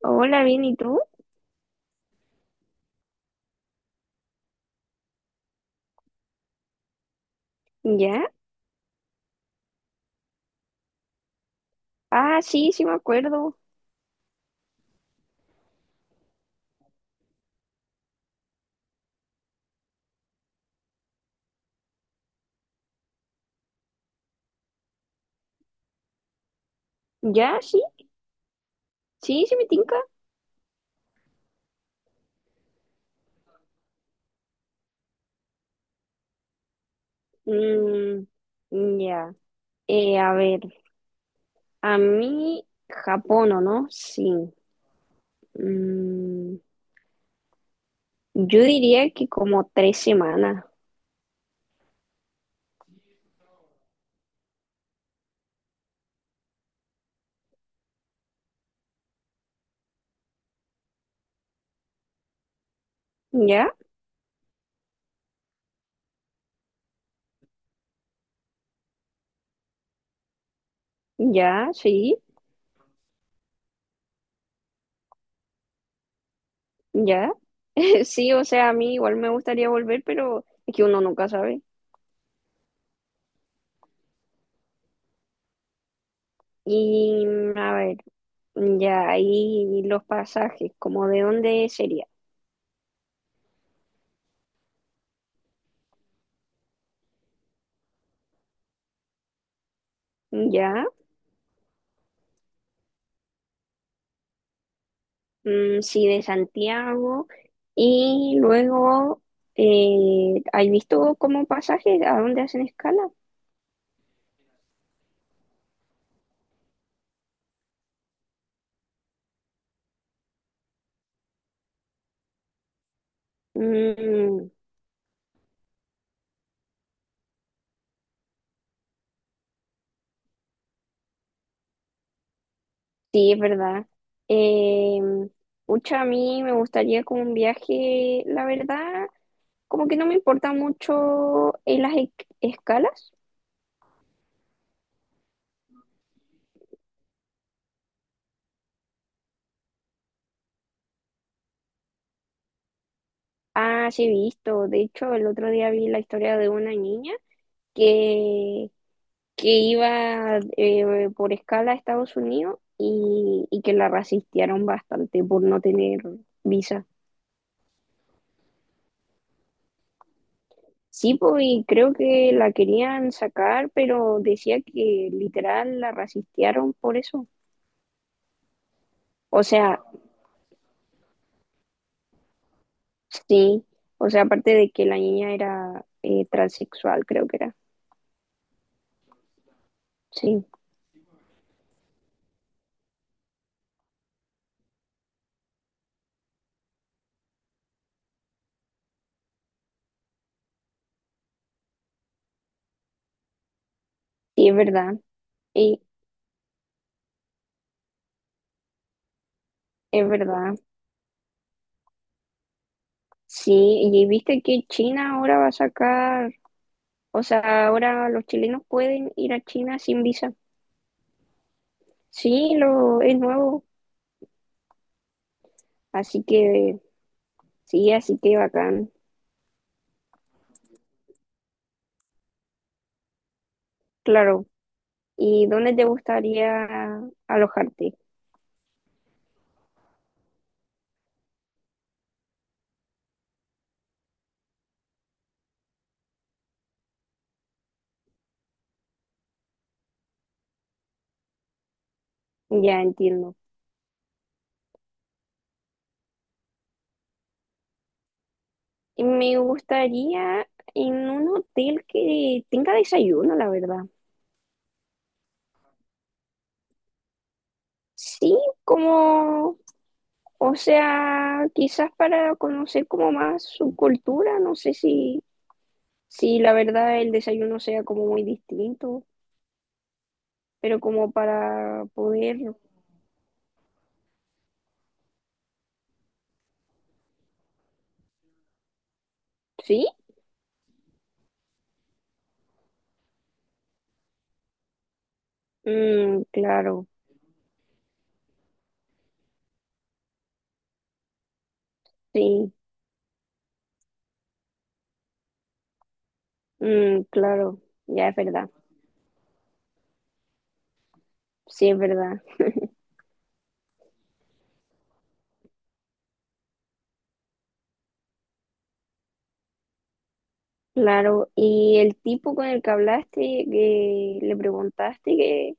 Hola, bien, ¿y tú? ¿Ya? Ah, sí, sí me acuerdo. ¿Ya? Sí, sí me tinca. Mm, ya. A ver, a mí Japón, ¿o no? Sí. Mm, yo diría que como 3 semanas. ¿Ya? ¿Ya? Sí, ya. Sí, o sea, a mí igual me gustaría volver, pero es que uno nunca sabe. Y a ver, ya ahí los pasajes, como de dónde sería. ¿Ya? Mm, sí, de Santiago. Y luego, ¿has visto como pasajes a dónde hacen escala? Mm, sí, es verdad. Eh, Pucha, a mí me gustaría como un viaje, la verdad, como que no me importa mucho en escalas. Ah, sí, he visto. De hecho, el otro día vi la historia de una niña que que iba por escala a Estados Unidos y que la rasistearon bastante por no tener visa. Sí, pues, y creo que la querían sacar, pero decía que literal la rasistearon por eso. O sea, sí, o sea, aparte de que la niña era transexual, creo que era. Sí, sí, es verdad, y es verdad. Sí, y viste que China ahora va a sacar, o sea, ahora los chilenos pueden ir a China sin visa. Sí, no, es nuevo, así que sí, así que bacán, claro. ¿Y dónde te gustaría alojarte? Ya entiendo. Y me gustaría en un hotel que tenga desayuno, la verdad. Sí, como, o sea, quizás para conocer como más su cultura, no sé si, si la verdad el desayuno sea como muy distinto, pero como para poder, sí. Mm, claro. Sí. Mm, claro, ya es verdad, sí es verdad, claro. Y el tipo con el que hablaste, que le preguntaste que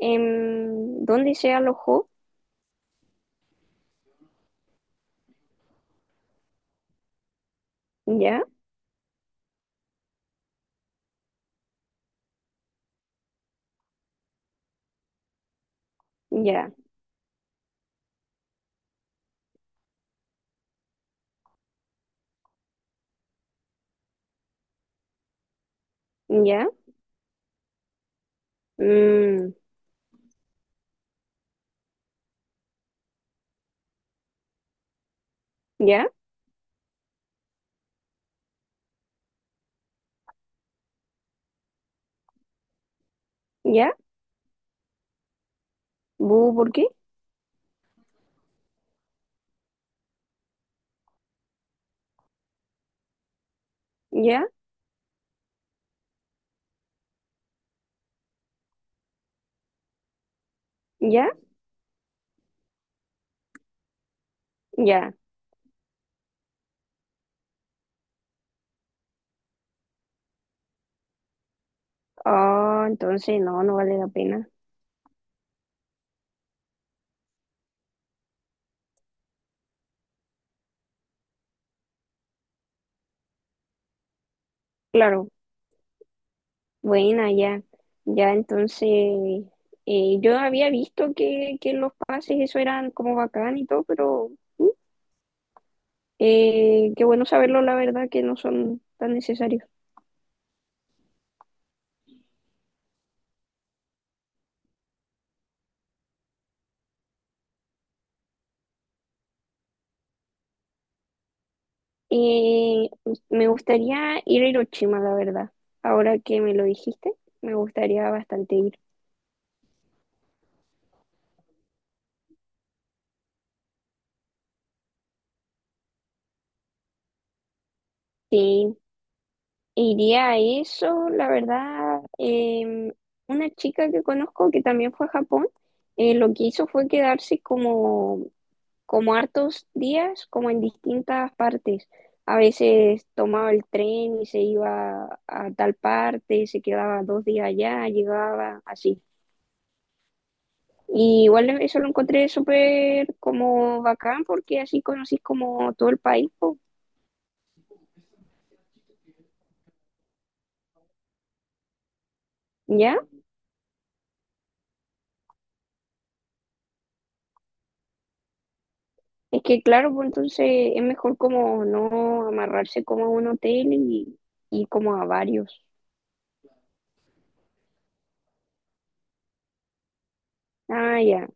dónde se alojó, ya, ya, ya, mm, ya, ya, bu, ¿por qué? Ya, ya, ya. Ah, entonces no, no vale la pena. Claro, buena, ya, ya, entonces yo había visto que los pases, eso eran como bacán y todo, pero qué bueno saberlo, la verdad, que no son tan necesarios. Eh, me gustaría ir a Hiroshima, la verdad. Ahora que me lo dijiste, me gustaría bastante ir. Sí, iría a eso, la verdad. Una chica que conozco que también fue a Japón, lo que hizo fue quedarse como hartos días, como en distintas partes. A veces tomaba el tren y se iba a tal parte, se quedaba 2 días allá, llegaba así. Y igual eso lo encontré súper como bacán porque así conocís como todo el país, po. ¿Ya? Es que claro, pues entonces es mejor como no amarrarse como a un hotel y como a varios. Ah, ya.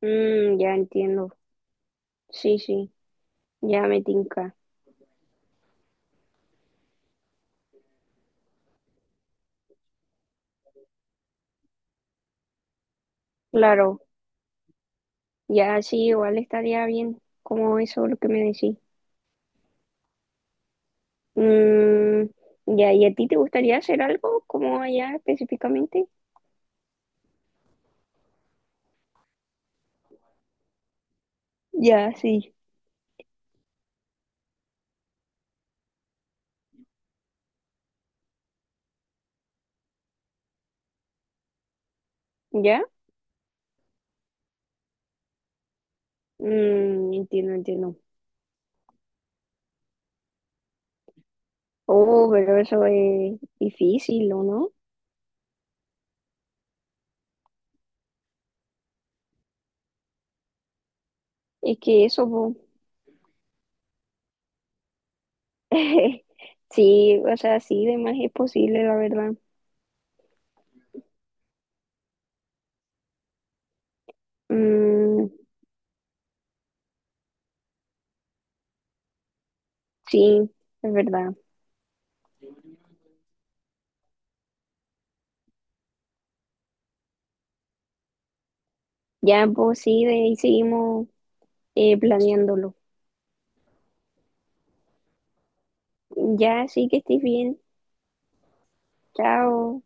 Mm, ya entiendo. Sí, sí, ya me tinca. Claro. Ya, sí, igual estaría bien, como eso lo que me decís. Mm, ya, ¿y a ti te gustaría hacer algo como allá específicamente? Ya, sí. ¿Ya? Mm, entiendo, entiendo. Oh, pero eso es difícil, ¿o no? Es que eso, po. Sí, o sea, sí, de más es posible, la verdad. Mm, sí, es verdad. Ya, pues sí, de ahí seguimos planeándolo. Ya, sí que estés bien. Chao.